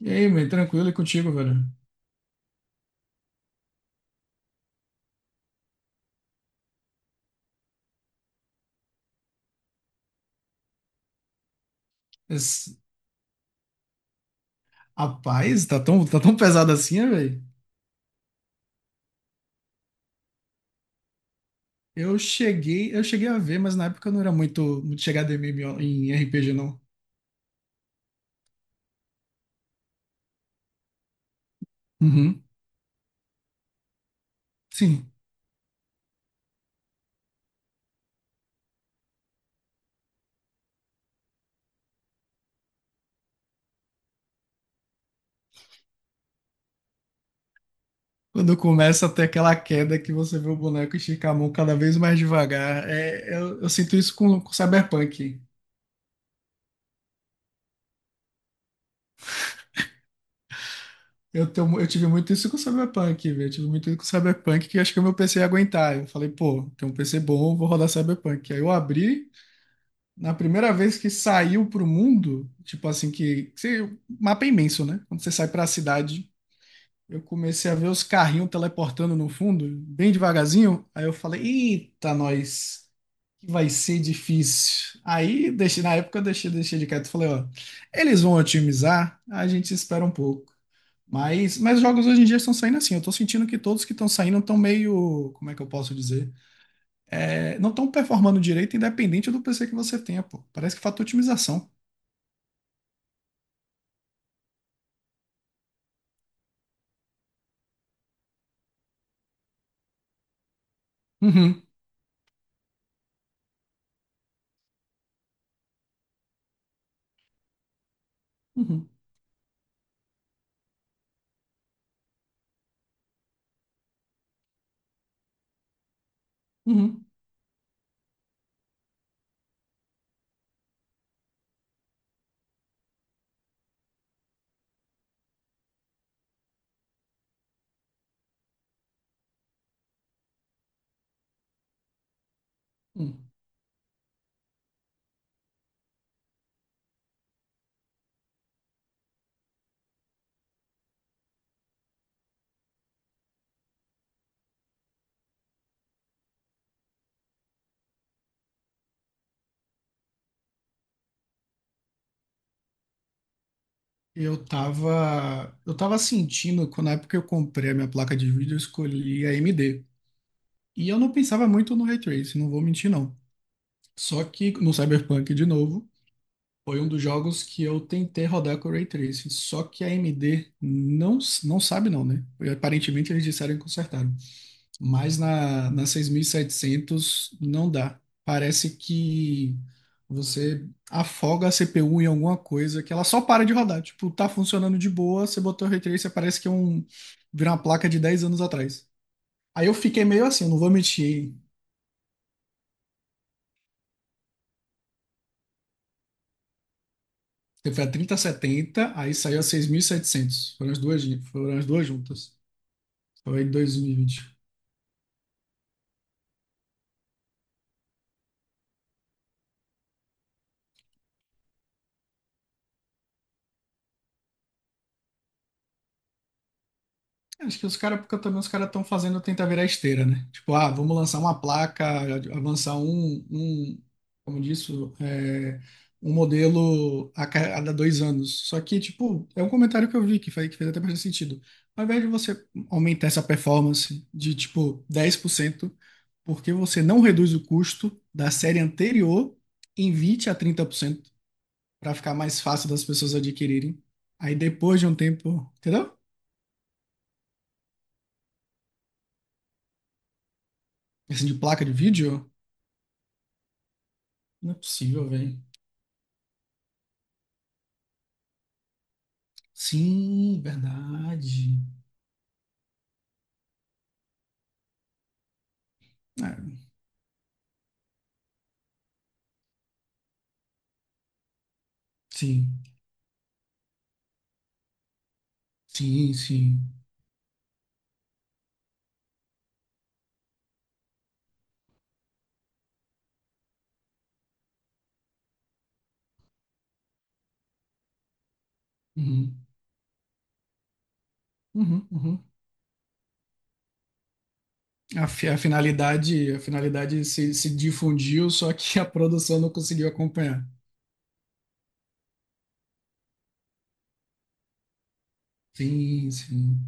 E aí, man, tranquilo e contigo, velho? Esse- Rapaz, tá tão pesado assim, né, velho? Eu cheguei a ver, mas na época eu não era muito chegado em MMO em RPG, não. Uhum. Sim. Quando começa a ter aquela queda que você vê o boneco esticar a mão cada vez mais devagar. É, eu sinto isso com Cyberpunk. Eu tive muito isso com Cyberpunk, velho. Eu tive muito isso com Cyberpunk que eu acho que o meu PC ia aguentar. Eu falei, pô, tem um PC bom, vou rodar Cyberpunk. Aí eu abri. Na primeira vez que saiu pro mundo, tipo assim, que mapa é imenso, né? Quando você sai pra cidade, eu comecei a ver os carrinhos teleportando no fundo, bem devagarzinho. Aí eu falei, eita, nós, que vai ser difícil. Aí, deixei, na época, eu deixei, deixei de quieto. Falei, ó, eles vão otimizar, a gente espera um pouco. Mas os jogos hoje em dia estão saindo assim. Eu tô sentindo que todos que estão saindo estão meio, como é que eu posso dizer? É, não estão performando direito independente do PC que você tenha, pô. Parece que falta otimização. Uhum, uhum, uhum, uhum. Eu tava sentindo, quando na época que eu comprei a minha placa de vídeo, eu escolhi a AMD. E eu não pensava muito no Ray Tracing, não vou mentir não. Só que no Cyberpunk, de novo, foi um dos jogos que eu tentei rodar com o Ray Tracing. Só que a AMD não sabe não, né? E, aparentemente, eles disseram que consertaram. Mas na 6700 não dá. Parece que você afoga a CPU em alguma coisa que ela só para de rodar. Tipo, tá funcionando de boa, você botou o Ray Tracer, parece que é um, vira uma placa de 10 anos atrás. Aí eu fiquei meio assim, eu não vou mentir. Você foi trinta setenta, aí saiu a seis mil e setecentos. Foram as duas juntas. Foi em dois mil e vinte. É, acho que os caras, porque também os caras estão fazendo tentar virar esteira, né? Tipo, ah, vamos lançar uma placa, avançar como disso, é, um modelo a cada dois anos. Só que, tipo, é um comentário que eu vi que fez até bastante sentido. Ao invés de você aumentar essa performance de, tipo, 10%, porque você não reduz o custo da série anterior em 20 a 30% para ficar mais fácil das pessoas adquirirem. Aí depois de um tempo, entendeu? Assim, de placa de vídeo. Não é possível, velho. Sim, verdade. Ah, sim, sim, sim. Uhum, uhum, uhum. A, a finalidade, a finalidade se difundiu, só que a produção não conseguiu acompanhar. Sim, sim.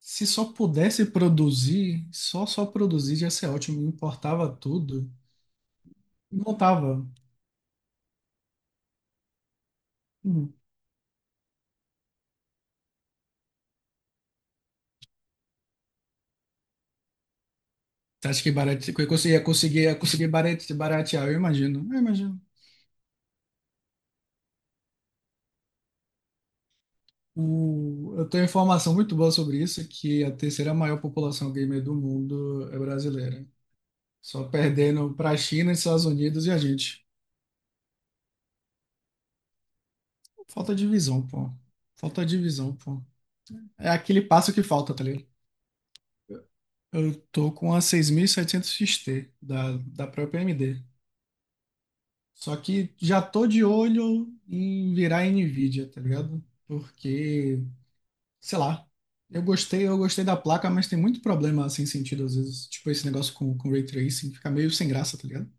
Se só pudesse produzir, só produzir já ia ser ótimo. Importava tudo. Montava. Uhum. Você acha que barate... que eu ia conseguir, baratear? Eu imagino. Eu imagino. O, eu tenho informação muito boa sobre isso, que a terceira maior população gamer do mundo é brasileira. Só perdendo para a China, Estados Unidos e a gente. Falta de visão, pô. Falta de visão, pô. É aquele passo que falta, tá ligado? Eu tô com a 6700 XT da, da própria AMD. Só que já tô de olho em virar Nvidia, tá ligado? Porque sei lá. Eu gostei da placa, mas tem muito problema sem sentido às vezes. Tipo, esse negócio com Ray Tracing fica meio sem graça, tá ligado?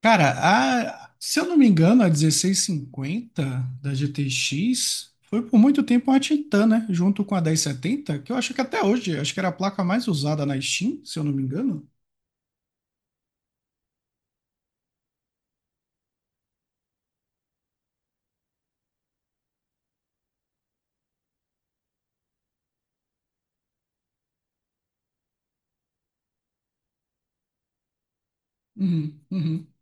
Cara, a, se eu não me engano, a dezesseis cinquenta da GTX foi por muito tempo uma Titan, né? Junto com a dez setenta, que eu acho que até hoje, acho que era a placa mais usada na Steam, se eu não me engano. Uhum, uhum.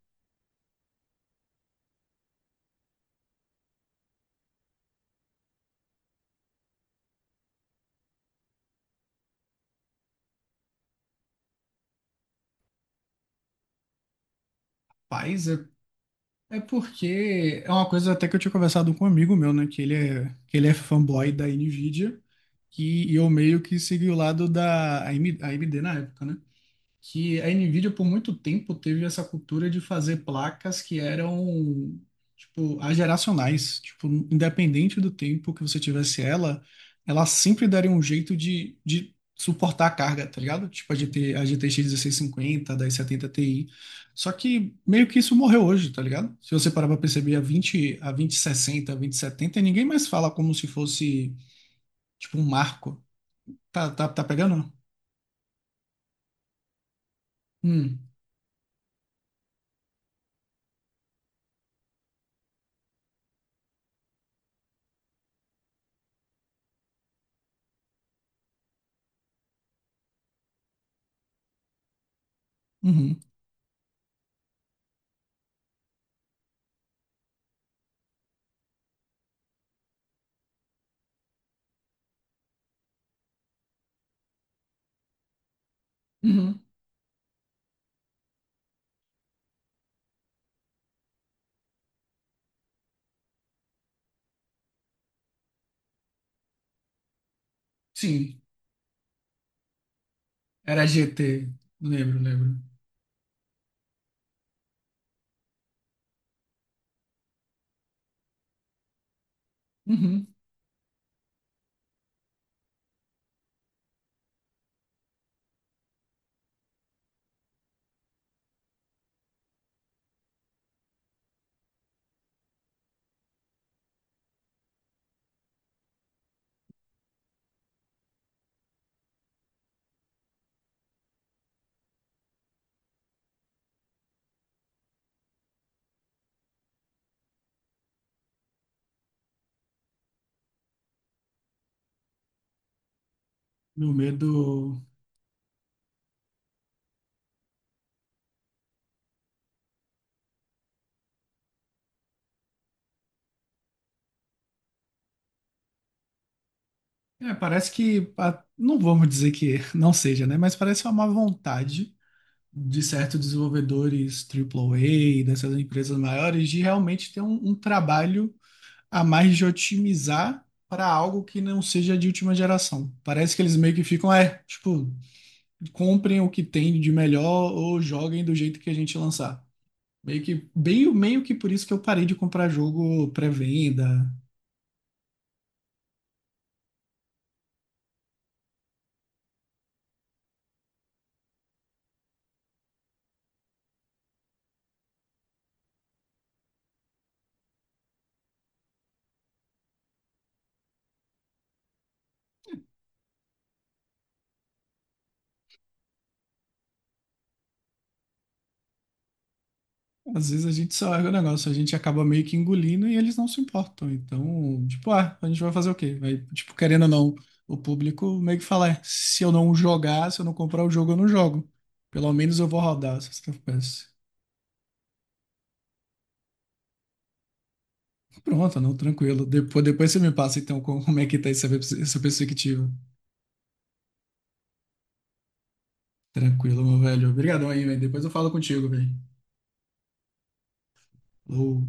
Paz, é porque é uma coisa até que eu tinha conversado com um amigo meu, né? Que ele é fanboy da Nvidia, que e eu meio que segui o lado da AMD na época, né? Que a Nvidia por muito tempo teve essa cultura de fazer placas que eram tipo ageracionais, tipo independente do tempo que você tivesse ela, ela sempre daria um jeito de suportar a carga, tá ligado? Tipo a GTX 1650, a 1070 Ti. Só que meio que isso morreu hoje, tá ligado? Se você parar pra perceber a vinte sessenta, a vinte setenta, ninguém mais fala como se fosse tipo um marco. Tá, tá pegando? Hum, uhum, uhum. Sim. Era GT, lembro, lembro. Uhum. Meu medo. É, parece que. Ah, não vamos dizer que não seja, né? Mas parece uma má vontade de certos desenvolvedores triplo A, dessas empresas maiores, de realmente ter um trabalho a mais de otimizar para algo que não seja de última geração. Parece que eles meio que ficam, é, tipo, comprem o que tem de melhor ou joguem do jeito que a gente lançar. Meio que, bem, meio que por isso que eu parei de comprar jogo pré-venda. Às vezes a gente só é o negócio, a gente acaba meio que engolindo e eles não se importam. Então, tipo, ah, a gente vai fazer o quê? Vai, tipo, querendo ou não, o público meio que fala, é, se eu não jogar, se eu não comprar o jogo, eu não jogo. Pelo menos eu vou rodar 60 FPS. Pronto, não, tranquilo. Depois, depois você me passa, então, como é que tá essa, essa perspectiva. Tranquilo, meu velho. Obrigadão aí, velho. Depois eu falo contigo, velho. Falou.